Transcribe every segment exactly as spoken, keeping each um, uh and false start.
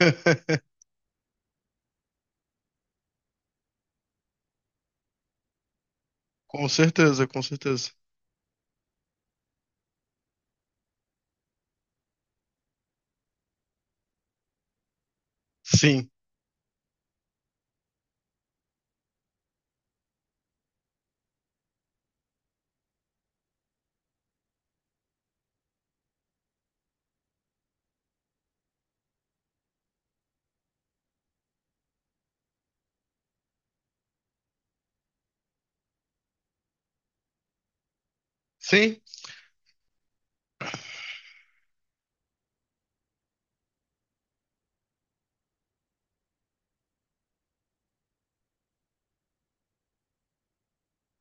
Com certeza, com certeza. Sim, sim.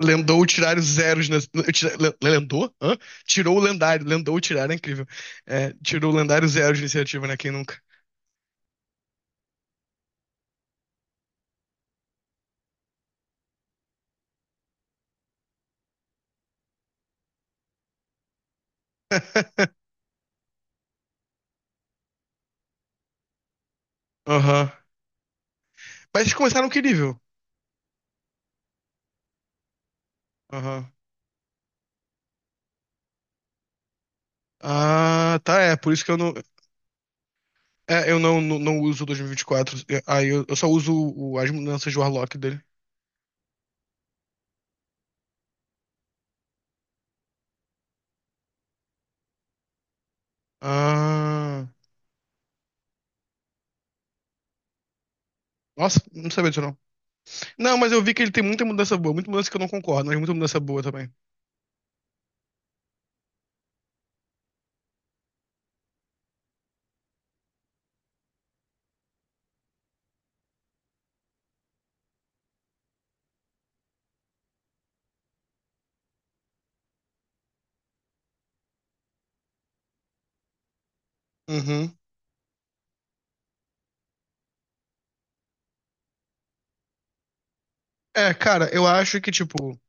Lendou tirar os zeros. nas- tira- le- Lendou? Hã? Tirou o lendário. Lendou tirar, é incrível. É, tirou o lendário zero de iniciativa, né? Quem nunca? Aham. Mas vocês começaram que nível? Aham. Ah, tá, é. Por isso que eu não. É, eu não, não, não uso o dois mil e vinte e quatro. É, aí eu, eu só uso o, as mudanças de Warlock dele. Ah. Nossa, não sabia disso não. Não, mas eu vi que ele tem muita mudança boa. Muita mudança que eu não concordo, mas muita mudança boa também. Uhum. É, cara, eu acho que, tipo,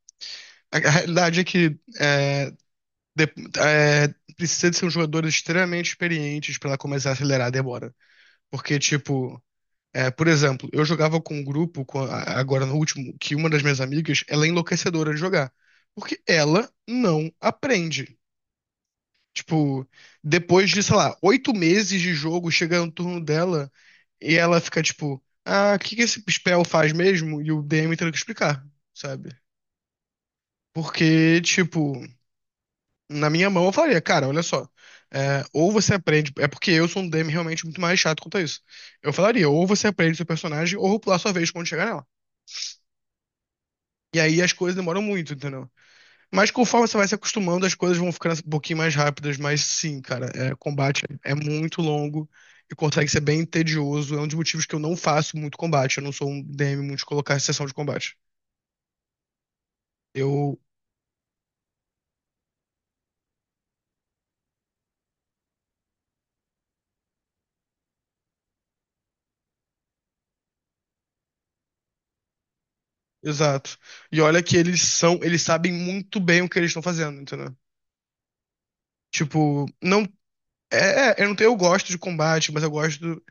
a, a realidade é que é, de- é, precisa de ser um jogador extremamente experiente pra ela começar a acelerar a demora. Porque, tipo, é, por exemplo, eu jogava com um grupo, com a- agora no último, que uma das minhas amigas, ela é enlouquecedora de jogar. Porque ela não aprende. Tipo, depois de, sei lá, oito meses de jogo, chega no turno dela e ela fica tipo, ah, o que que esse spell faz mesmo? E o D M tendo que explicar, sabe? Porque, tipo, na minha mão eu falaria, cara, olha só, é, ou você aprende, é porque eu sou um D M realmente muito mais chato quanto a isso. Eu falaria, ou você aprende seu personagem, ou eu vou pular sua vez quando chegar nela. E aí as coisas demoram muito, entendeu? Mas conforme você vai se acostumando, as coisas vão ficando um pouquinho mais rápidas. Mas sim, cara, é, combate é muito longo e consegue ser bem tedioso. É um dos motivos que eu não faço muito combate. Eu não sou um D M muito de colocar em sessão de combate. Eu. Exato. E olha que eles são. Eles sabem muito bem o que eles estão fazendo, entendeu? Tipo, não. É, é, eu não tenho, eu gosto de combate, mas eu gosto.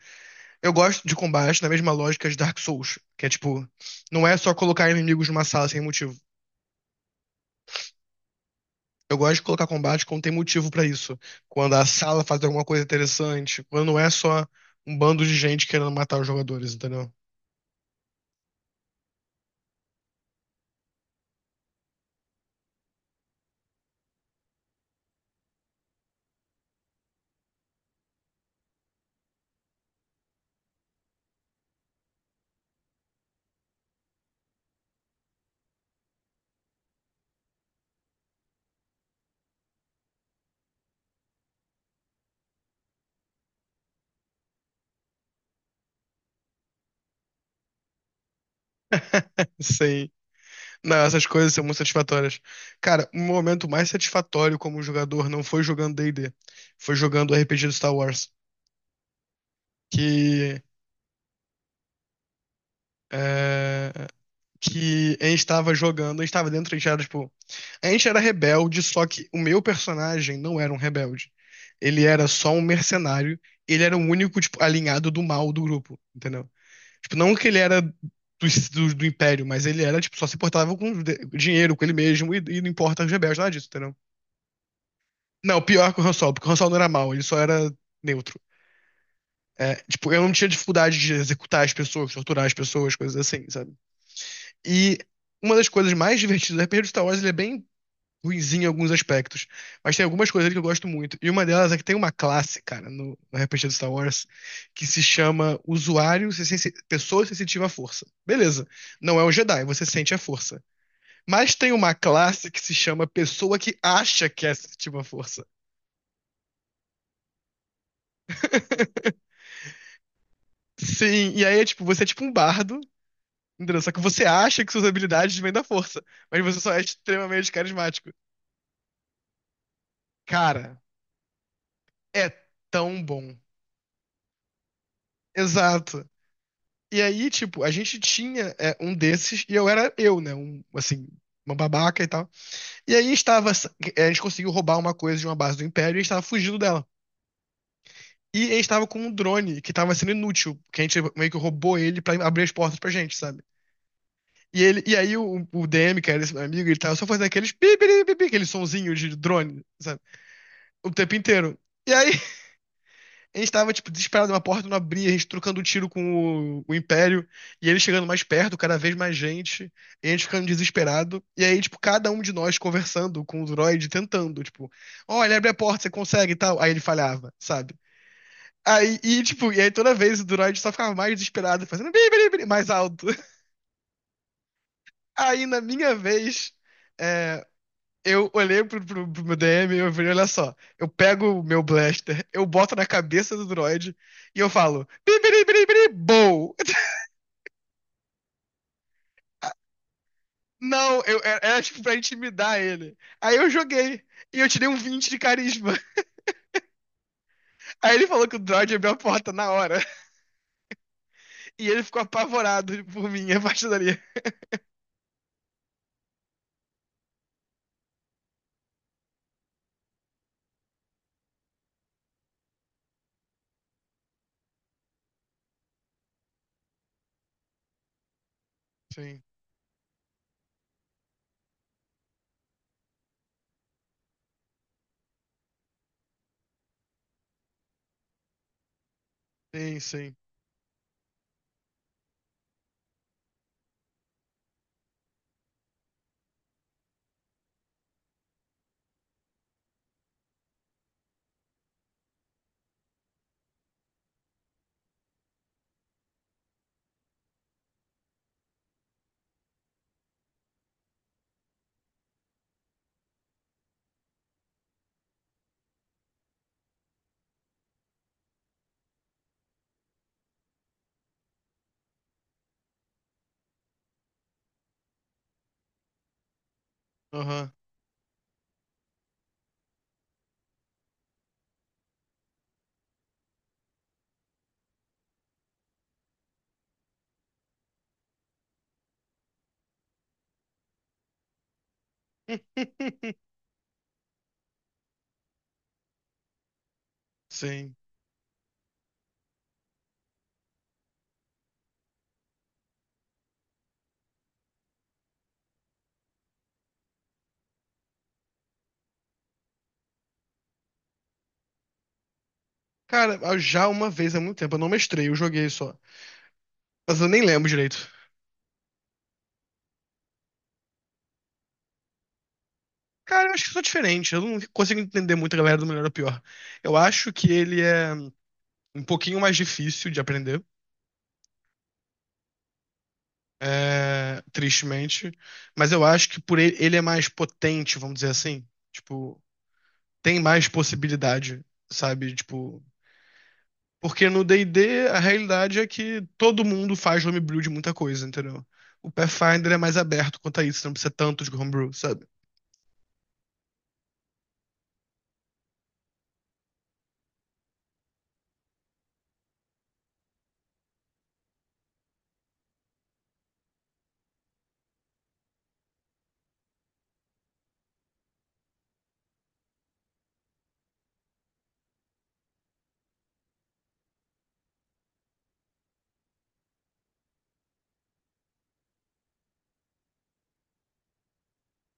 Eu gosto de combate na mesma lógica de Dark Souls, que é tipo, não é só colocar inimigos numa sala sem motivo. Eu gosto de colocar combate quando tem motivo pra isso. Quando a sala faz alguma coisa interessante, quando não é só um bando de gente querendo matar os jogadores, entendeu? Sei. Não, essas coisas são muito satisfatórias. Cara, o meu momento mais satisfatório como jogador não foi jogando D e D, foi jogando R P G do Star Wars, que é, que a gente tava jogando, a gente tava dentro, a gente era, tipo, a gente era rebelde, só que o meu personagem não era um rebelde. Ele era só um mercenário, ele era o único, tipo, alinhado do mal do grupo, entendeu? Tipo, não que ele era do, do, do império, mas ele era, tipo, só se portava com de- dinheiro, com ele mesmo, e, e não importa os rebeldes, nada disso, entendeu? Não, pior que o Han Solo, porque o Han Solo não era mal, ele só era neutro. É, tipo, eu não tinha dificuldade de executar as pessoas, torturar as pessoas, coisas assim, sabe? E uma das coisas mais divertidas do R P G de Star Wars, ele é bem ruinzinho em alguns aspectos. Mas tem algumas coisas ali que eu gosto muito. E uma delas é que tem uma classe, cara, no, no R P G do Star Wars, que se chama Usuário, se- se- Pessoa Sensitiva à Força. Beleza. Não é um Jedi, você sente a força. Mas tem uma classe que se chama Pessoa que acha que é sensitiva à força. Sim, e aí é tipo, você é tipo um bardo, entendeu? Só que você acha que suas habilidades vêm da força, mas você só é extremamente carismático. Cara, é tão bom. Exato. E aí, tipo, a gente tinha é, um desses e eu era eu, né? Um, assim, uma babaca e tal. E aí estava, a gente conseguiu roubar uma coisa de uma base do Império e a gente estava fugindo dela. E a gente estava com um drone que estava sendo inútil, que a gente meio que roubou ele pra abrir as portas pra gente, sabe? E, ele, e aí o, o D M, que era esse meu amigo, ele tava só fazendo aqueles pi, pi, pi, pi, aquele sonzinho de drone, sabe? O tempo inteiro. E aí a gente tava, tipo, desesperado, uma porta não abria, a gente trocando tiro com o, o Império, e ele chegando mais perto, cada vez mais gente, e a gente ficando desesperado. E aí, tipo, cada um de nós conversando com o droid, tentando, tipo, olha, abre a porta, você consegue e tal. Aí ele falhava, sabe? Aí, e, tipo, e aí toda vez o droid só ficava mais desesperado, fazendo bim, bim, bim, mais alto. Aí, na minha vez, é, eu olhei pro, pro- pro meu D M e eu falei, olha só, eu pego o meu blaster, eu boto na cabeça do droid e eu falo, bibiribiribiri. Não, eu, era, era tipo pra intimidar ele. Aí eu joguei e eu tirei um vinte de carisma. Aí ele falou que o droid abriu a porta na hora e ele ficou apavorado por mim a partir dali. Sim, sim, sim. Aham. Sim. Cara, já uma vez há muito tempo, eu não mestrei, eu joguei só. Mas eu nem lembro direito. Cara, eu acho que eu sou diferente. Eu não consigo entender muito a galera do melhor ou pior. Eu acho que ele é um pouquinho mais difícil de aprender, é, tristemente. Mas eu acho que por ele, ele é mais potente, vamos dizer assim. Tipo, tem mais possibilidade, sabe? Tipo, porque no D e D a realidade é que todo mundo faz homebrew de muita coisa, entendeu? O Pathfinder é mais aberto quanto a isso, não precisa tanto de homebrew, sabe?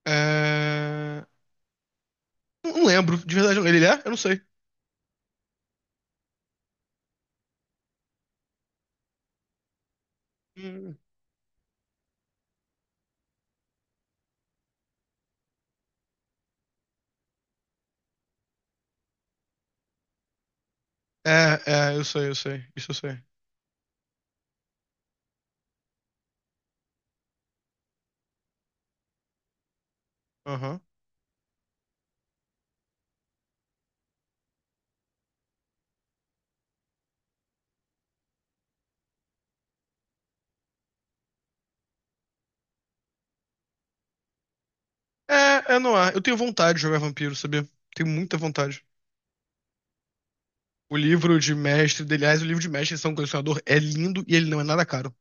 É, não não lembro, de verdade. Ele é? Eu não sei. Hum. É, é, eu sei, eu sei. Isso eu sei. Aham. É, é no ar. Eu tenho vontade de jogar vampiro, sabia? Tenho muita vontade. O livro de mestre, dele- aliás, o livro de mestre de São um Colecionador é lindo e ele não é nada caro.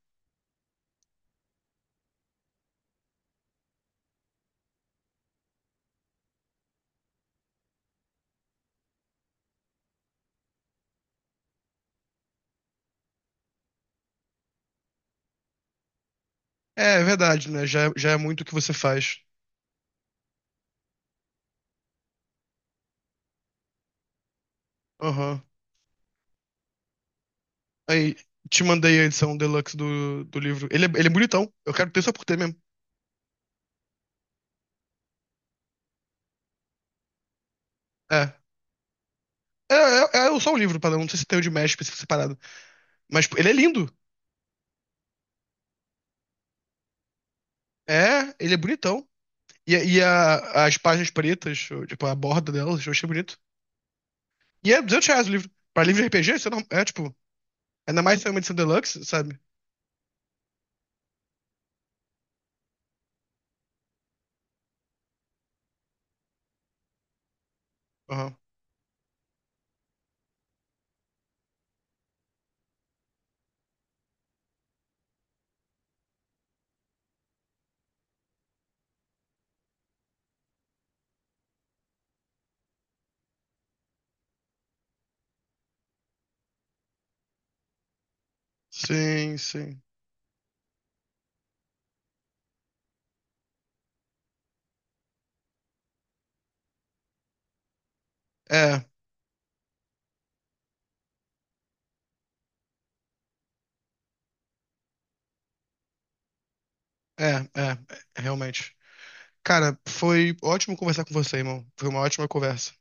É, é verdade, né? Já, já é muito o que você faz. Aham. Aí, te mandei a edição deluxe do, do livro. Ele é, ele é bonitão. Eu quero ter só por ter mesmo. É. É, é, é só o livro, padrão. Não sei se tem o de mestre específico separado. Mas pô, ele é lindo. É, ele é bonitão. E, e a- as páginas pretas, tipo, a borda delas, eu achei bonito. E é duzentos reais o livro. Pra livro de R P G, isso é, norm- é, tipo. Ainda mais se é uma edição deluxe, sabe? Aham. Sim, sim. É, é, é, é, realmente. Cara, foi ótimo conversar com você, irmão. Foi uma ótima conversa.